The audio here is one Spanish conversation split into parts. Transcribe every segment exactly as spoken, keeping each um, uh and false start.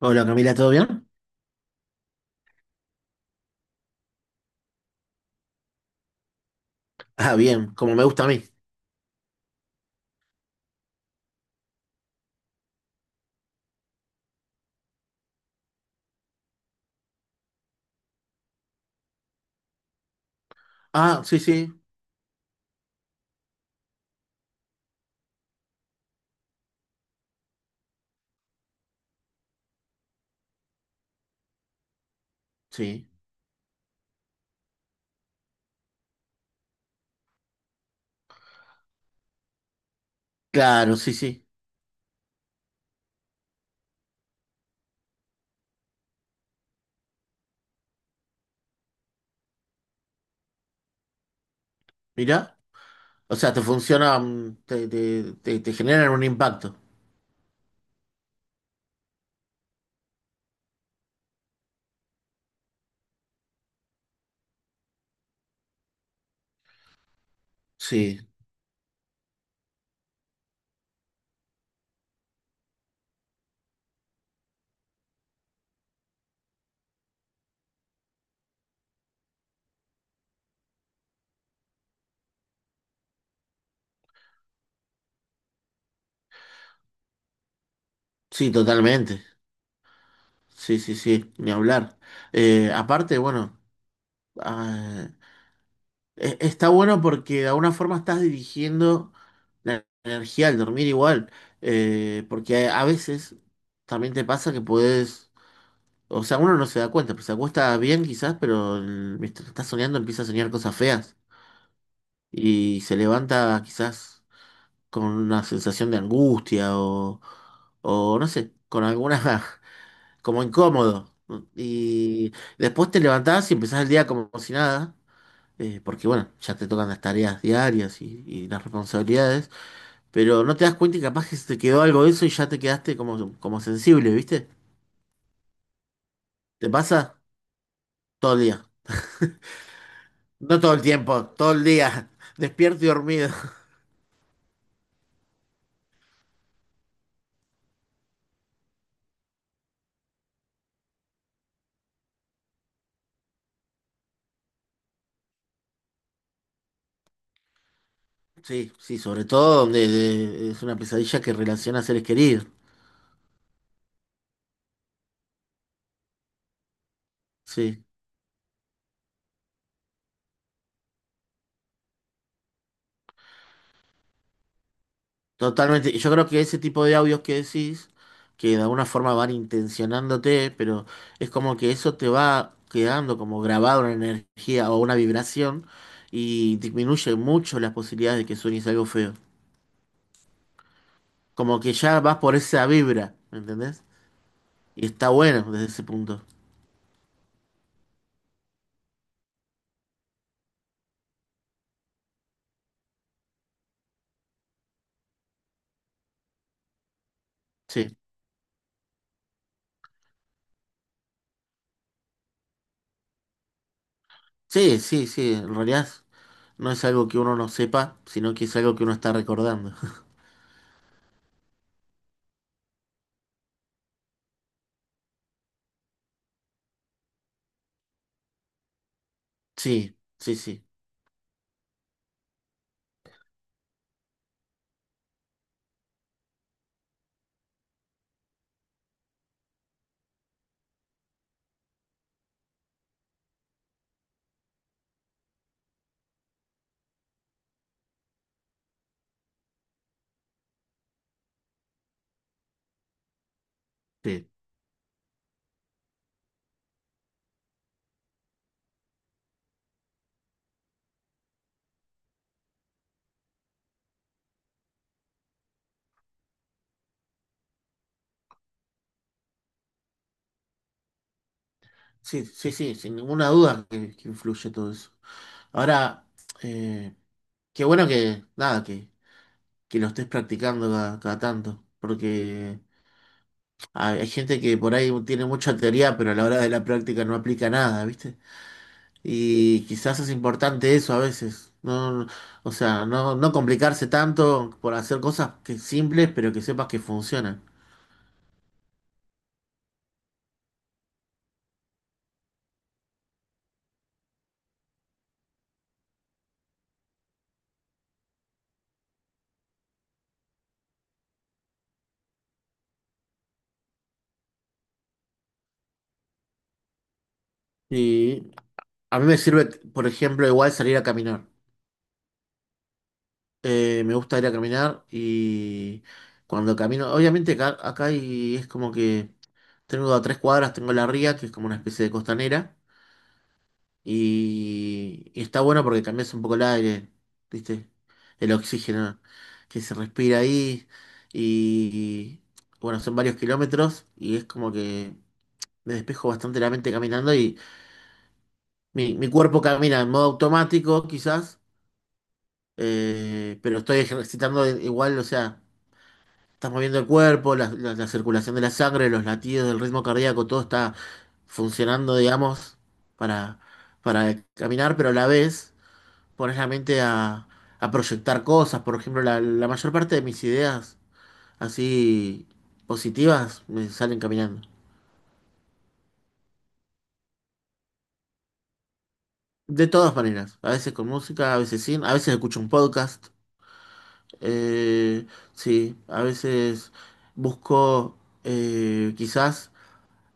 Hola Camila, ¿todo bien? Ah, bien, como me gusta a mí. Ah, sí, sí, sí. Claro, sí, sí. Mirá. O sea, te funciona, mm, te, te, te, te generan un impacto. Sí, sí, totalmente. Sí, sí, sí, ni hablar. Eh, aparte, bueno, ah, e- está bueno porque de alguna forma estás dirigiendo la energía al dormir igual. Eh, porque a a veces también te pasa que puedes. O sea, uno no se da cuenta, pues se acuesta bien quizás, pero el- mientras está soñando empieza a soñar cosas feas y se levanta quizás con una sensación de angustia o, o no sé, con alguna, como incómodo. Y después te levantás y empezás el día como si nada, eh, porque bueno, ya te tocan las tareas diarias y, y las responsabilidades, pero no te das cuenta y capaz que se te quedó algo de eso y ya te quedaste como, como sensible, ¿viste? ¿Te pasa todo el día? No todo el tiempo, todo el día, despierto y dormido. Sí, sí, sobre todo donde de- es una pesadilla que relaciona a seres queridos. Sí, totalmente. Y yo creo que ese tipo de audios que decís, que de alguna forma van intencionándote, pero es como que eso te va quedando como grabado una energía o una vibración y disminuye mucho las posibilidades de que sueñes algo feo. Como que ya vas por esa vibra, ¿me entendés? Y está bueno desde ese punto. Sí, sí, sí, sí, en realidad. No es algo que uno no sepa, sino que es algo que uno está recordando. Sí, sí, sí, sí. Sí, sí, sí, sin ninguna duda que, que influye todo eso. Ahora, eh, qué bueno que, nada, que, que lo estés practicando cada, cada tanto, porque hay, hay gente que por ahí tiene mucha teoría, pero a la hora de la práctica no aplica nada, ¿viste? Y quizás es importante eso a veces. No, o sea, no, no complicarse tanto por hacer cosas que simples, pero que sepas que funcionan. Sí, a mí me sirve, por ejemplo, igual salir a caminar. Eh, me gusta ir a caminar y cuando camino, obviamente acá, acá y es como que tengo a tres cuadras, tengo la ría, que es como una especie de costanera, y, y está bueno porque cambias un poco el aire, ¿viste? El oxígeno que se respira ahí y, bueno, son varios kilómetros y es como que me despejo bastante la mente caminando y mi, mi cuerpo camina en modo automático quizás, eh, pero estoy ejercitando igual, o sea, estás moviendo el cuerpo, la, la- la circulación de la sangre, los latidos, el ritmo cardíaco, todo está funcionando, digamos, para, para e-, caminar, pero a la vez pones la mente a, a proyectar cosas. Por ejemplo, la, la mayor parte de mis ideas así positivas me salen caminando. De todas maneras, a veces con música, a veces sin, a veces escucho un podcast. Eh, sí, a veces busco, eh, quizás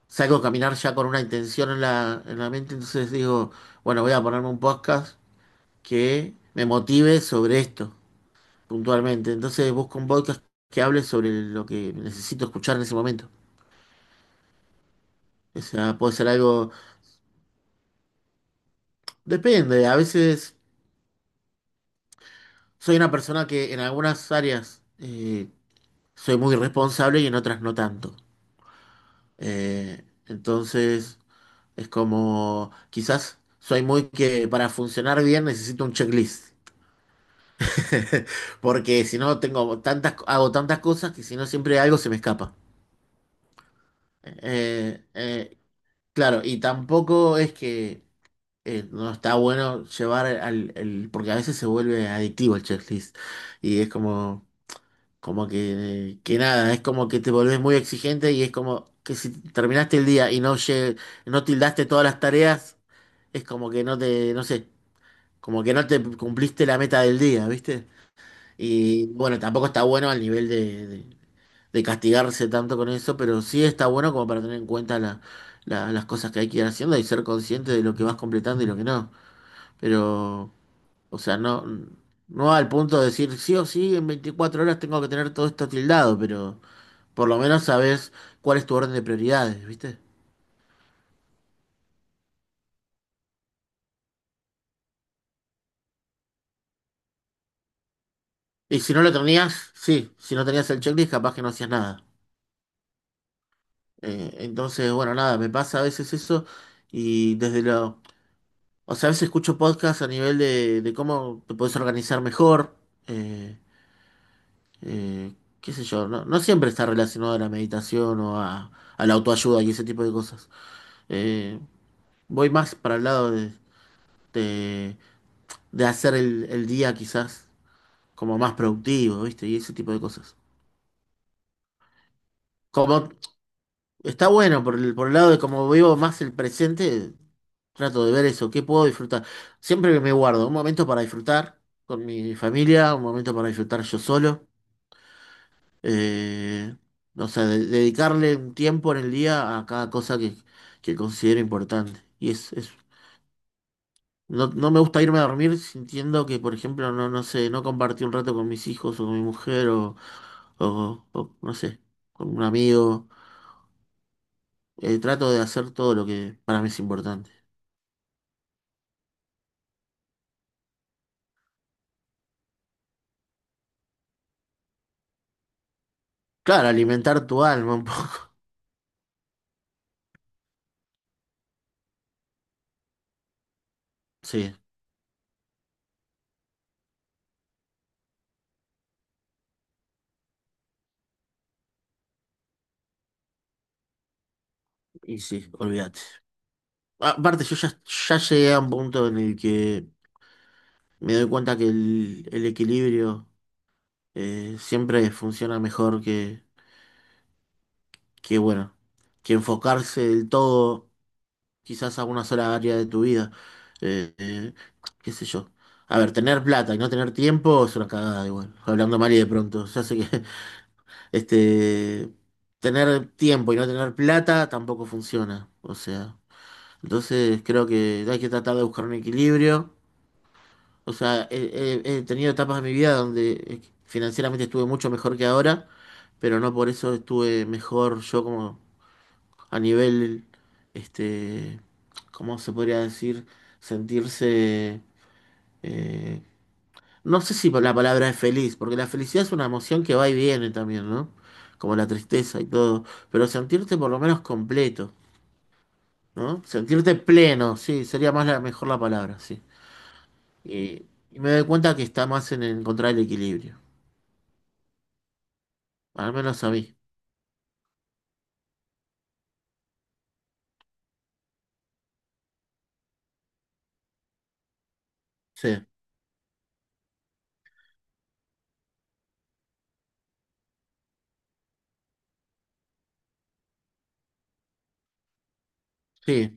salgo a caminar ya con una intención en la, en la mente, entonces digo, bueno, voy a ponerme un podcast que me motive sobre esto, puntualmente. Entonces busco un podcast que hable sobre lo que necesito escuchar en ese momento. O sea, puede ser algo, depende, a veces soy una persona que en algunas áreas eh, soy muy responsable y en otras no tanto. Eh, entonces... Es como, quizás soy muy que para funcionar bien necesito un checklist. Porque si no tengo tantas, hago tantas cosas que si no siempre algo se me escapa. Eh, eh, claro, y tampoco es que eh, no está bueno llevar al, el, porque a veces se vuelve adictivo el checklist. Y es como, como que, que nada, es como que te volvés muy exigente y es como que si terminaste el día y no, lle- no tildaste todas las tareas, es como que no te, no sé. Como que no te cumpliste la meta del día, ¿viste? Y bueno, tampoco está bueno al nivel de, de- de castigarse tanto con eso, pero sí está bueno como para tener en cuenta la- la- las cosas que hay que ir haciendo y ser consciente de lo que vas completando y lo que no. Pero, o sea, no, no al punto de decir sí o sí, en veinticuatro horas tengo que tener todo esto tildado, pero por lo menos sabes cuál es tu orden de prioridades, ¿viste? Y si no lo tenías, sí, si no tenías el checklist, capaz que no hacías nada. Eh, entonces, bueno, nada, me pasa a veces eso y desde lo... o sea, a veces escucho podcasts a nivel de, de cómo te puedes organizar mejor, eh, eh, qué sé yo, no, no siempre está relacionado a la meditación o a, a la autoayuda y ese tipo de cosas. Eh, voy más para el lado de, de, de hacer el, el día quizás como más productivo, ¿viste? Y ese tipo de cosas. Como está bueno por el, por el lado de como vivo más el presente, trato de ver eso, qué puedo disfrutar. Siempre que me guardo un momento para disfrutar con mi familia, un momento para disfrutar yo solo. Eh, o sea, de- dedicarle un tiempo en el día a cada cosa que, que considero importante. Y es, es- no, no me gusta irme a dormir sintiendo que, por ejemplo, no, no sé, no compartí un rato con mis hijos o con mi mujer o, o- o, no sé, con un amigo. Eh, trato de hacer todo lo que para mí es importante. Claro, alimentar tu alma un poco. Sí, y sí, olvídate. Aparte, yo ya, ya llegué a un punto en el que me doy cuenta que el, el equilibrio, eh, siempre funciona mejor que, que, bueno, que enfocarse del todo quizás a una sola área de tu vida. Eh, eh, qué sé yo. A ver, tener plata y no tener tiempo es una cagada igual. Hablando mal y de pronto. Ya sé que este, tener tiempo y no tener plata tampoco funciona. O sea. Entonces creo que hay que tratar de buscar un equilibrio. O sea, he, he- he tenido etapas de mi vida donde eh, financieramente estuve mucho mejor que ahora, pero no por eso estuve mejor yo como a nivel, este, ¿cómo se podría decir? Sentirse, eh, no sé si la palabra es feliz, porque la felicidad es una emoción que va y viene también, ¿no? Como la tristeza y todo, pero sentirte por lo menos completo, ¿no? Sentirte pleno, sí, sería más la, mejor la palabra, sí. Y, y me doy cuenta que está más en encontrar el equilibrio. Al menos a mí. Sí, sí.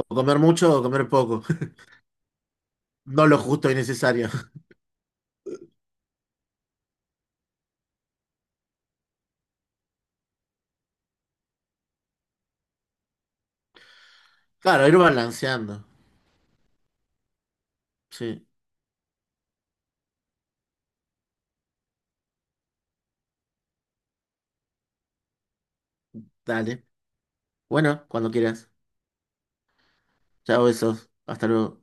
O comer mucho o comer poco. No lo justo y necesario. Claro, ir balanceando. Sí, dale. Bueno, cuando quieras. Chao, besos. Hasta luego.